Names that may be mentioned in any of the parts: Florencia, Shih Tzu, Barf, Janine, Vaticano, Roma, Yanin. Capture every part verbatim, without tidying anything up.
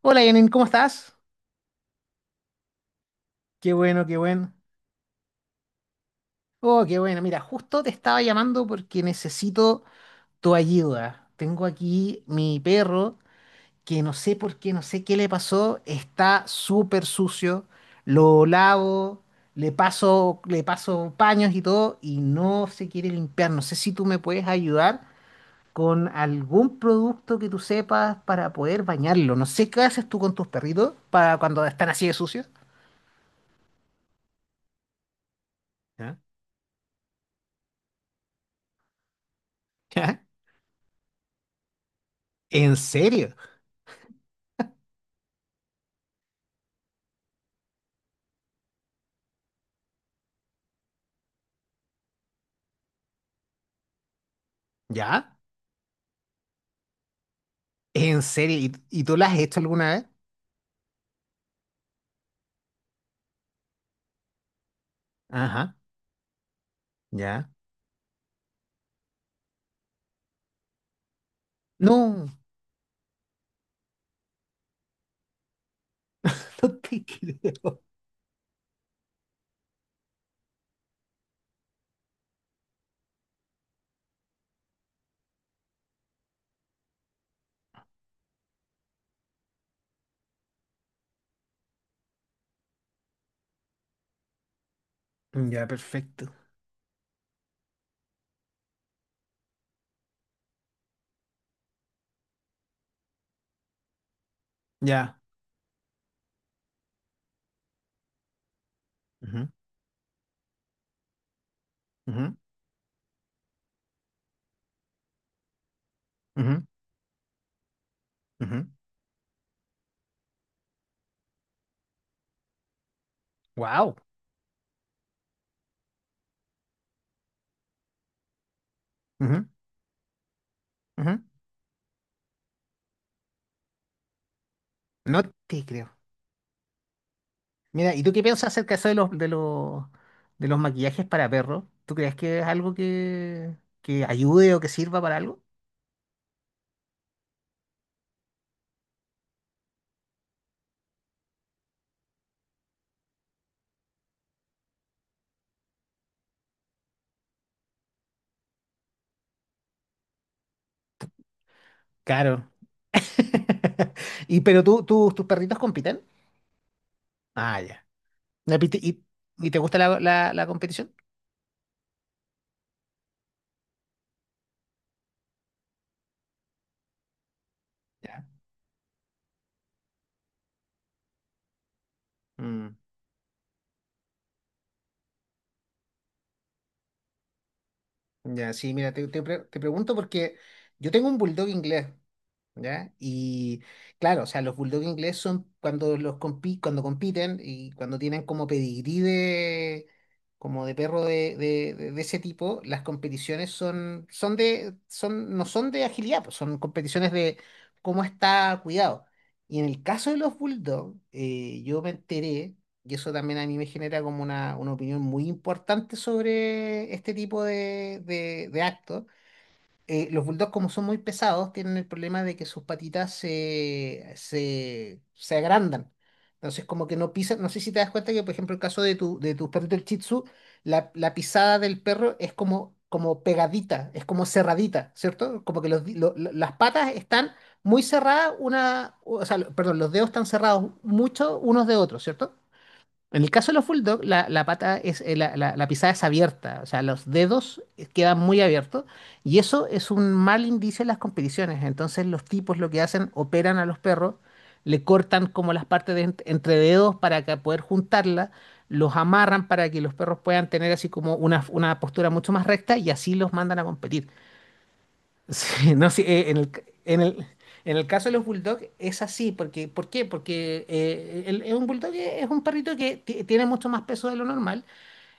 Hola Yanin, ¿cómo estás? Qué bueno, qué bueno. Oh, qué bueno. Mira, justo te estaba llamando porque necesito tu ayuda. Tengo aquí mi perro que no sé por qué, no sé qué le pasó. Está súper sucio. Lo lavo, le paso, le paso paños y todo y no se quiere limpiar. No sé si tú me puedes ayudar con algún producto que tú sepas para poder bañarlo. No sé qué haces tú con tus perritos para cuando están así de sucios. ¿Ah? ¿En serio? ¿Ya? ¿En serio? ¿Y, y tú las has hecho alguna vez? Ajá, ya. No, no te creo. Ya, perfecto. Ya. Wow. No te creo. Mira, ¿y tú qué piensas acerca de eso de los, de los, de los maquillajes para perros? ¿Tú crees que es algo que, que ayude o que sirva para algo? Claro. ¿Y pero tú, tú- tus perritos compiten? Ah, ya. ¿Y, te y- y te gusta la, la- la competición? Ya. Mm. Ya, sí, mira, te, te pre- te pregunto porque yo tengo un bulldog inglés. ¿Ya? Y claro, o sea, los bulldog inglés son cuando los compi- cuando compiten y cuando tienen como pedigrí de como de perro de, de- de- de ese tipo, las competiciones son, son de, son, no son de agilidad, pues, son competiciones de cómo está cuidado. Y en el caso de los bulldog, eh, yo me enteré, y eso también a mí me genera como una, una opinión muy importante sobre este tipo de, de, de actos eh, los bulldogs, como son muy pesados, tienen el problema de que sus patitas se, se, se agrandan. Entonces, como que no pisan. No sé si te das cuenta que, por ejemplo, el caso de tu, de tu perrito el Shih Tzu, la, la pisada del perro es como, como pegadita, es como cerradita, ¿cierto? Como que los, di- lo- lo- las patas están muy cerradas, una, o sea, lo- perdón, los dedos están cerrados mucho unos de otros, ¿cierto? En el caso de los bulldog, la, la pata es, eh, la, la- la pisada es abierta, o sea, los dedos quedan muy abiertos y eso es un mal indicio en las competiciones. Entonces los tipos lo que hacen, operan a los perros, le cortan como las partes de ent- entre dedos para que poder juntarlas, los amarran para que los perros puedan tener así como una, una postura mucho más recta y así los mandan a competir. Sí, no, sí, eh, en el, ca- en el, en el caso de los bulldogs es así, porque, ¿por qué? Porque eh, el- el- un bulldog es un perrito que ti- tiene mucho más peso de lo normal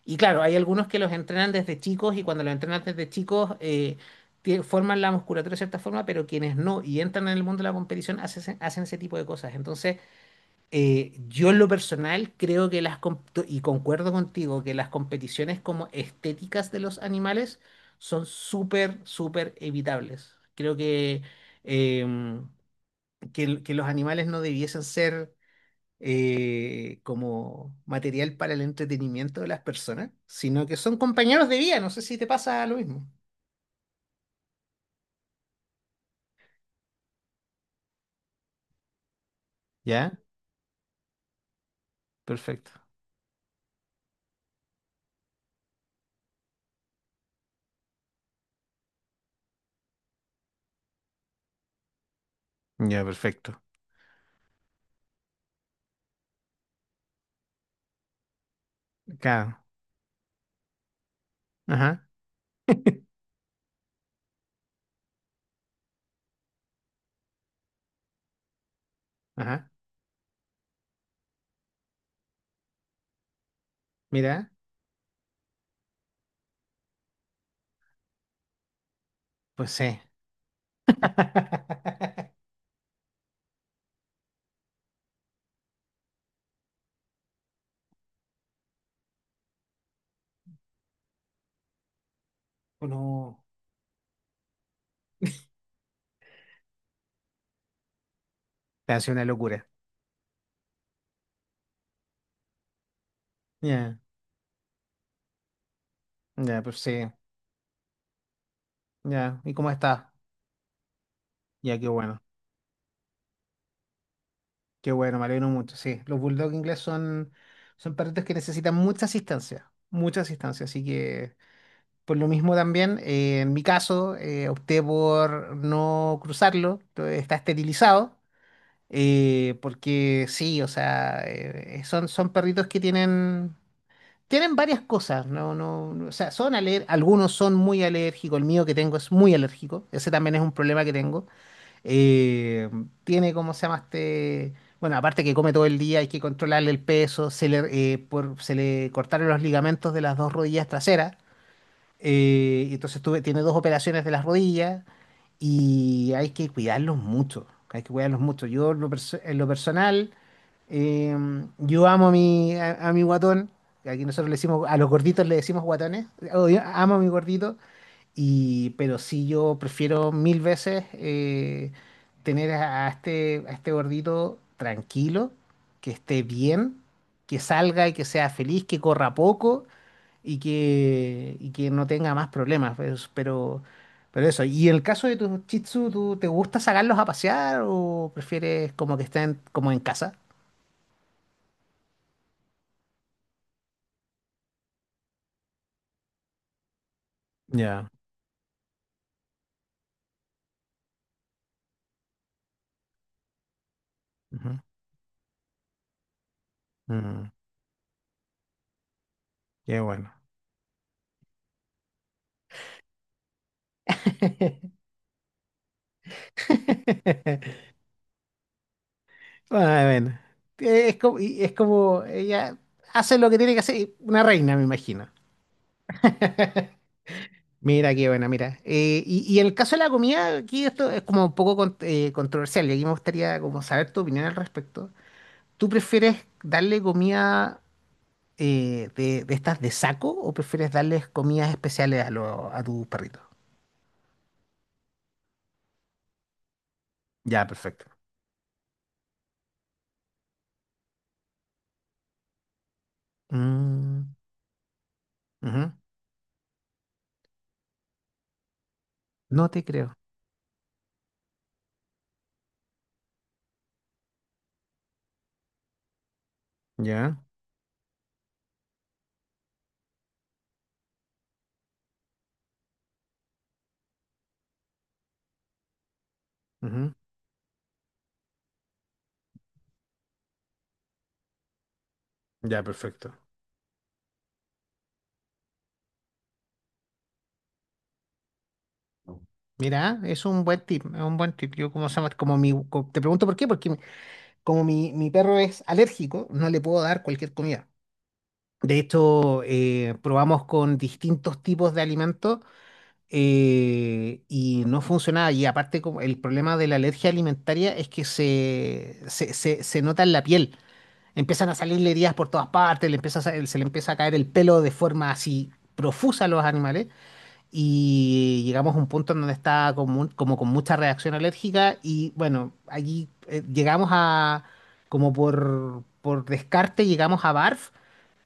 y claro, hay algunos que los entrenan desde chicos y cuando los entrenan desde chicos eh, tie- forman la musculatura de cierta forma, pero quienes no y entran en el mundo de la competición hacen, hacen ese tipo de cosas. Entonces, eh, yo en lo personal creo que las, comp- y concuerdo contigo, que las competiciones como estéticas de los animales son súper, súper evitables. Creo que, em, que, l- que los animales no debiesen ser eh, como material para el entretenimiento de las personas, sino que son compañeros de vida. No sé si te pasa lo mismo. Ya, perfecto. Ya, perfecto. Claro. Ajá, ajá. Mira, pues sí. No. Te hace una locura. Ya, ya, pues sí. Ya, ¿y cómo está? Ya, qué bueno. Qué bueno, me alegro mucho. Sí, los bulldog inglés son, son perritos que necesitan mucha asistencia. Mucha asistencia. Así que, por lo mismo también, eh, en mi caso, eh, opté por no cruzarlo. to- Está esterilizado. Eh, porque sí, o sea, eh, son, son perritos que tienen. Tienen varias cosas, no, no, no, o sea, son aler- algunos son muy alérgicos, el mío que tengo es muy alérgico, ese también es un problema que tengo. Eh, Tiene, ¿cómo se llama este? Bueno, aparte que come todo el día, hay que controlarle el peso, se le, eh, por- se le cortaron los ligamentos de las dos rodillas traseras, eh, y entonces tuve, tiene dos operaciones de las rodillas y hay que cuidarlos mucho, hay que cuidarlos mucho. Yo en lo perso- en lo personal... Eh, yo amo a mi, a, a mi guatón. Que aquí nosotros le decimos, a los gorditos le decimos guatones. Oh, yo amo a mi gordito. Y, pero sí, yo prefiero mil veces eh, tener a, a este, a este gordito tranquilo, que esté bien, que salga y que sea feliz, que corra poco y que, y que no tenga más problemas. Pues, Pero, pero eso. Y en el caso de tus Shih Tzu, ¿tú te gusta sacarlos a pasear o prefieres como que estén como en casa? Ya. Ujú. Mm, qué bueno. Ah, bueno, es como, y es como ella hace lo que tiene que hacer, y una reina, me imagino. Mira, qué buena, mira. Eh, y, y en el caso de la comida, aquí esto es como un poco con- eh, controversial y aquí me gustaría como saber tu opinión al respecto. ¿Tú prefieres darle comida eh, de, de estas de saco o prefieres darles comidas especiales a, lo- a tus perritos? Ya, perfecto. Mm, ujú. No te creo. Ya. Ya, perfecto. Mira, es un buen tip, es un buen tip. Yo como se llama, como mi, co- te pregunto por qué, porque mi- como mi, mi perro es alérgico, no le puedo dar cualquier comida. De hecho, eh, probamos con distintos tipos de alimentos eh, y no funcionaba. Y aparte, como el problema de la alergia alimentaria es que se, se, se, se nota en la piel. Empiezan a salirle heridas por todas partes, le empieza a sa- se le empieza a caer el pelo de forma así profusa a los animales. Y llegamos a un punto en donde estaba como, un- como con mucha reacción alérgica y bueno, allí eh, llegamos a, como por, por descarte, llegamos a Barf,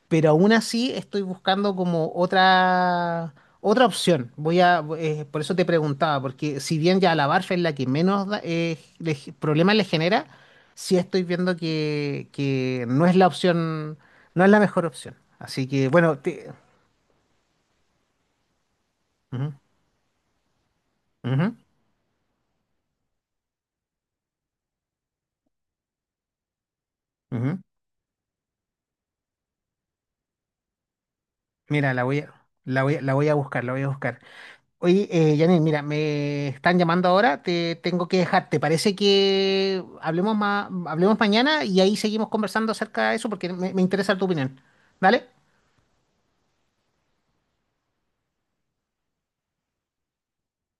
pero aún así estoy buscando como otra, otra opción. Voy a, eh, por eso te preguntaba, porque si bien ya la Barf es la que menos da- eh, le- problemas le genera, sí estoy viendo que, que no es la opción, no es la mejor opción. Así que bueno, te... Ujú, ujú, ujú. Mira, la voy a, la voy a, la voy a buscar, la voy a buscar. Oye, eh, Janine, mira, me están llamando ahora, te tengo que dejar. ¿Te parece que hablemos ma- hablemos mañana y ahí seguimos conversando acerca de eso porque me, me interesa tu opinión? ¿Vale?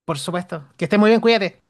Por supuesto. Que estés muy bien, cuídate.